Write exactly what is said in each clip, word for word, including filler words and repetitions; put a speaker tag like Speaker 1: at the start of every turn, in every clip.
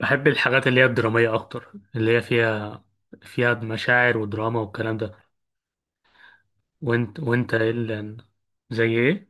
Speaker 1: بحب الحاجات اللي هي الدرامية أكتر اللي هي فيها فيها مشاعر ودراما والكلام ده. وانت وانت ايه اللي يعني؟ زي ايه؟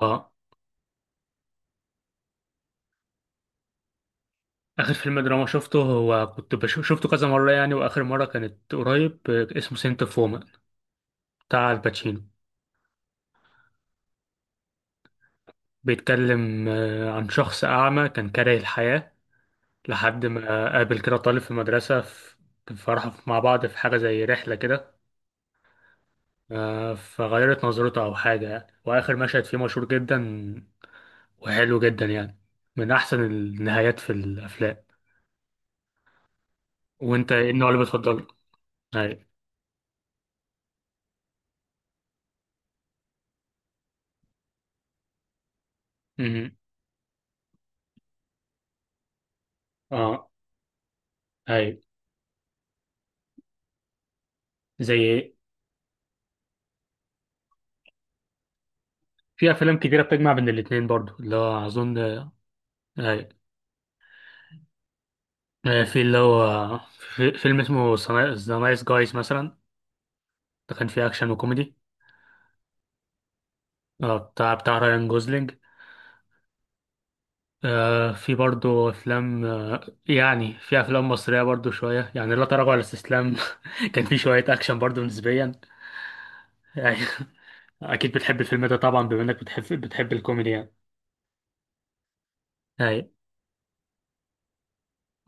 Speaker 1: اه، آخر فيلم دراما شفته هو كنت بشوف شفته كذا مرة يعني، وآخر مرة كانت قريب، آه، اسمه سنت اوف وومن، بتاع الباتشينو. بيتكلم آه، عن شخص أعمى كان كاره الحياة لحد ما قابل كده طالب في مدرسة، في كان فرحوا مع بعض في حاجة زي رحلة كده، آه، فغيرت نظرته أو حاجة يعني. وآخر مشهد فيه مشهور جدا وحلو جدا يعني، من احسن النهايات في الافلام. وانت ايه النوع اللي بتفضله؟ اي. امم اه. اي. زي ايه؟ في افلام كتيره بتجمع بين الاتنين برضو اللي هو اظن. اي. آه، في اللي هو، في فيلم اسمه ذا نايس جايز مثلا، ده كان فيه اكشن وكوميدي. اه، بتاع بتاع رايان جوزلينج. آه، في برضو افلام، آه يعني في افلام مصريه برضو شويه يعني، لا تراجع ولا استسلام. كان فيه شويه اكشن برضو نسبيا. أيوة. اكيد بتحب الفيلم ده طبعا بما انك بتحب بتحب الكوميدي يعني. اي.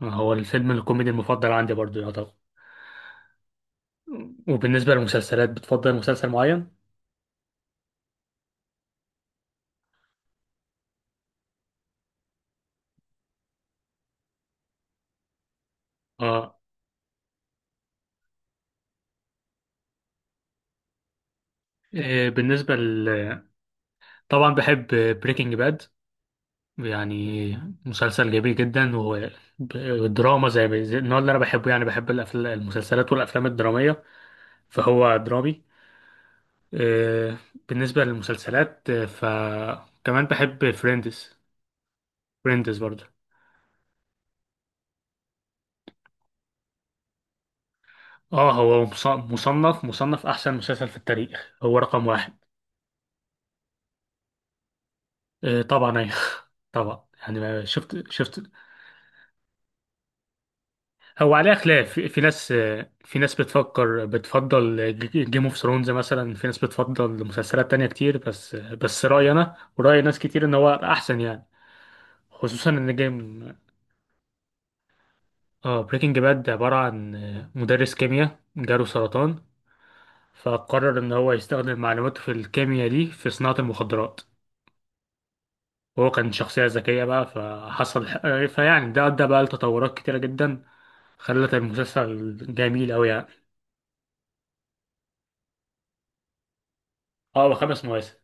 Speaker 1: هو الفيلم الكوميدي المفضل عندي برضو يعتبر. وبالنسبه للمسلسلات، بتفضل مسلسل معين؟ اه. إيه، بالنسبه ل... طبعا بحب بريكنج باد يعني. مسلسل جميل جدا، ودراما زي ما- زي النوع اللي انا بحبه يعني، بحب الأفل... المسلسلات والافلام الدراميه، فهو درامي. إيه، بالنسبه للمسلسلات، آه، فكمان بحب فريندز. فريندز برضو. اه، هو مص- مصنف، مصنف احسن مسلسل في التاريخ، هو رقم واحد. آه طبعا ايوه. طبعا يعني ما شفت شفت هو عليه خلاف، في, في ناس، آه، في ناس بتفكر بتفضل جيم اوف ثرونز مثلا، في ناس بتفضل مسلسلات تانية كتير، بس بس رأيي انا ورأي ناس كتير ان هو احسن يعني. خصوصا ان جيم، اه بريكنج باد عبارة عن آه، مدرس كيمياء جاله سرطان، فقرر ان هو يستخدم معلوماته في الكيمياء دي في صناعة المخدرات. هو كان شخصية ذكية بقى فحصل، فيعني ده أدى بقى لتطورات كتيرة جدا خلت المسلسل جميل أوي يعني. اه، وخمس مواسم.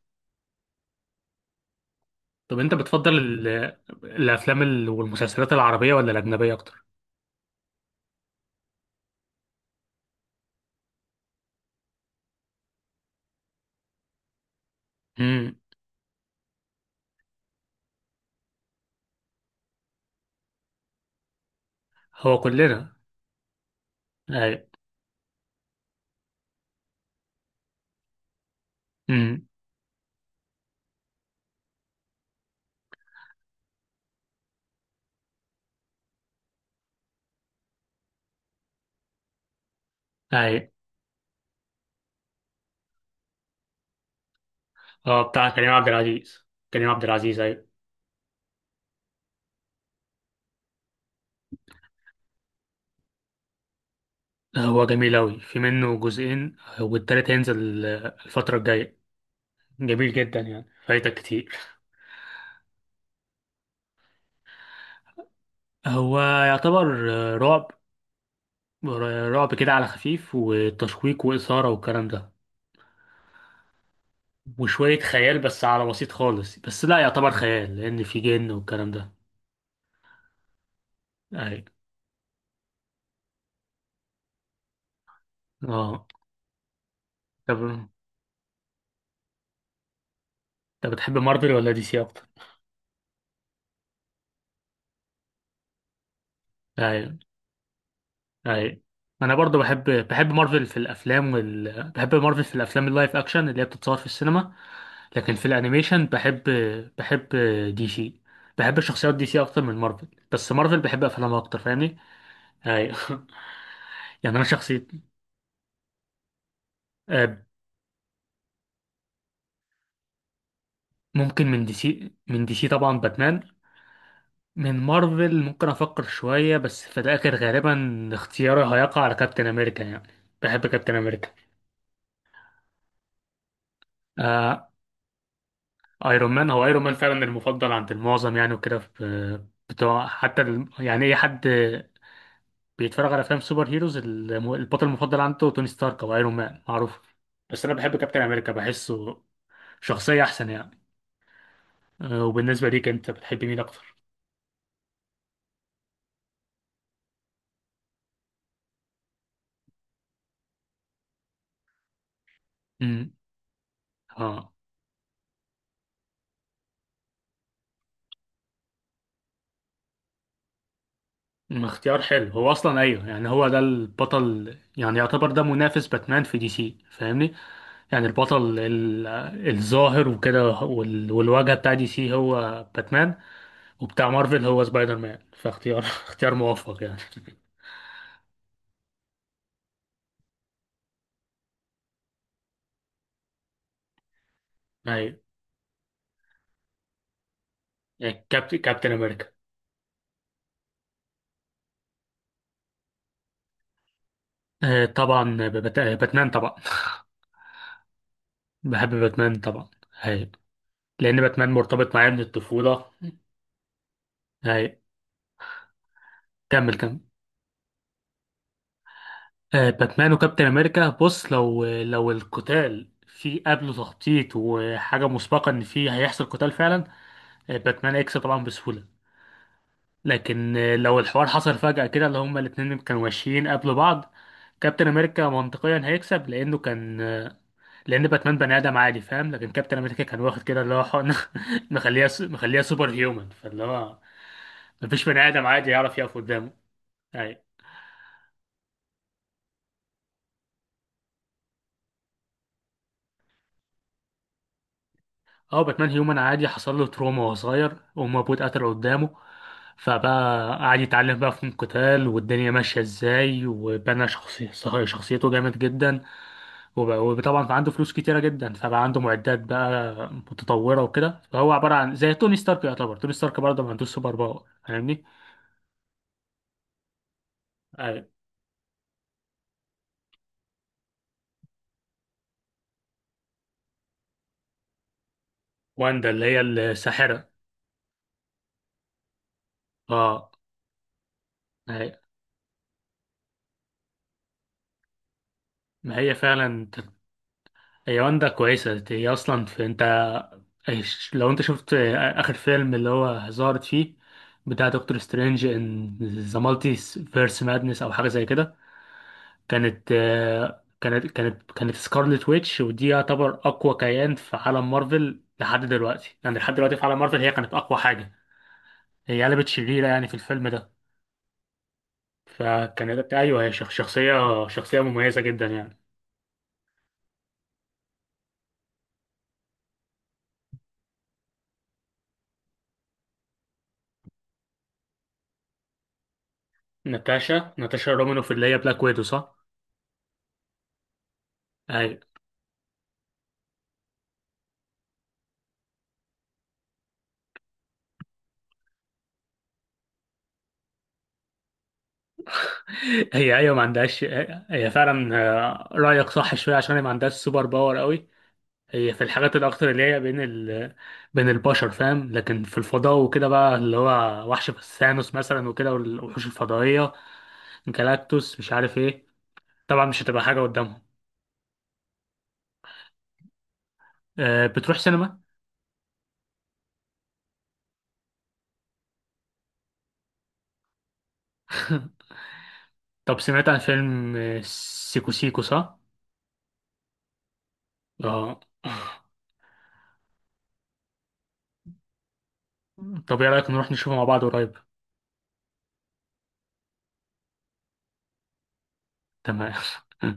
Speaker 1: طب أنت بتفضل ال- الأفلام ال- والمسلسلات العربية ولا الأجنبية أكتر؟ امم هو كلنا. أي. امم أي. اه بتاع كريم عبد العزيز. كريم عبد العزيز، أي. هو جميل أوي، في منه جزئين والتالت هينزل الفترة الجاية. جميل جدا يعني، فايتك كتير. هو يعتبر رعب، رعب كده على خفيف، وتشويق وإثارة والكلام ده، وشوية خيال بس على بسيط خالص، بس لا يعتبر خيال لأن في جن والكلام ده. أي. اه. طب طب بتحب مارفل ولا دي سي أكتر؟ أي. أي. أنا برضو بحب بحب مارفل في الأفلام وال... بحب مارفل في الأفلام اللايف أكشن اللي هي بتتصور في السينما. لكن في الأنيميشن بحب بحب دي سي، بحب شخصيات دي سي أكتر من مارفل. بس مارفل بحب أفلامها أكتر، فاهمني؟ أي. يعني أنا شخصية، ممكن من دي سي، من دي سي طبعا باتمان. من مارفل ممكن افكر شوية بس في الاخر غالبا اختياري هيقع على كابتن امريكا يعني. بحب كابتن امريكا. آه. ايرون مان، هو ايرون مان فعلا المفضل عند المعظم يعني وكده، في بتوع حتى ال... يعني اي حد بيتفرج على افلام سوبر هيروز الم- البطل المفضل عنده توني ستارك او ايرون مان، معروف. بس انا بحب كابتن امريكا، بحسه شخصية احسن يعني. آه، وبالنسبة ليك انت بتحب مين اكتر؟ امم اه. مم، اختيار حلو، هو اصلا ايوه يعني، هو ده البطل يعني، يعتبر ده منافس باتمان في دي سي، فاهمني؟ يعني البطل ال- الظاهر وكده وال- والواجهه بتاع دي سي هو باتمان، وبتاع مارفل هو سبايدر مان، فاختيار اختيار موفق يعني. ايوه. يعني كابت... كابتن امريكا. آه طبعا، ببت... باتمان طبعا. بحب باتمان طبعا. ايوه. لان باتمان مرتبط معايا من الطفوله. ايوه. كمل كمل. آه، باتمان وكابتن امريكا، بص، لو لو القتال في قبله تخطيط وحاجه مسبقه ان في هيحصل قتال فعلا، آه، باتمان اكس طبعا بسهوله. لكن، آه، لو الحوار حصل فجاه كده اللي هما الاتنين كانوا ماشيين قبل بعض، كابتن امريكا منطقيا هيكسب لانه كان، آه، لان باتمان بني ادم عادي فاهم، لكن كابتن امريكا كان واخد كده اللي هو حقن مخليها مخليها سوبر هيومن، فاللي هو مفيش بني ادم عادي يعرف يقف قدامه. أيوة. اه، باتمان هيومن عادي حصل له تروما وهو صغير، وأمه وأبوه اتقتلوا قدامه، فبقى قعد يتعلم بقى فنون قتال والدنيا ماشية ازاي، وبنى شخصي... صح- شخصيته جامد جدا. وب- وطبعا كان عنده فلوس كتيرة جدا فبقى عنده معدات بقى متطورة وكده، فهو عبارة عن زي توني ستارك، يعتبر توني ستارك برضه ما عندوش سوبر باور، فاهمني؟ أيوة. واندا اللي هي الساحرة. اه. أيوة. ما هي فعلا، هي واندا كويسة، هي أصلا في أنت، إيش- لو انت شفت، آه، اخر فيلم اللي هو ظهرت فيه بتاع دكتور سترينج ان ذا مالتي فيرس مادنس او حاجه زي كده، كانت، آه، كانت كانت كانت سكارلت ويتش، ودي يعتبر اقوى كيان في عالم مارفل لحد دلوقتي يعني، لحد دلوقتي في عالم مارفل هي كانت اقوى حاجه. هي قلبت شريره يعني في الفيلم ده. فكانت ايوه، هي شخ- شخصيه شخصيه مميزه جدا يعني. ناتاشا ناتاشا رومانوف اللي هي بلاك ويدو، صح؟ ايوه. هي ايوه، ما عندهاش، هي فعلا، آه، رايك صح شويه، عشان هي ما عندهاش سوبر باور قوي. هي في الحاجات الاكتر اللي هي بين ال... بين البشر، فاهم؟ لكن في الفضاء وكده بقى، اللي هو وحش ثانوس مثلا وكده، والوحوش الفضائيه، جالاكتوس مش عارف ايه، طبعا مش هتبقى حاجه قدامهم. أه، بتروح سينما؟ طب سمعت عن فيلم، آه، سيكو سيكو، صح؟ اه. طب ايه رايك نروح نشوفه مع بعض قريب؟ تمام.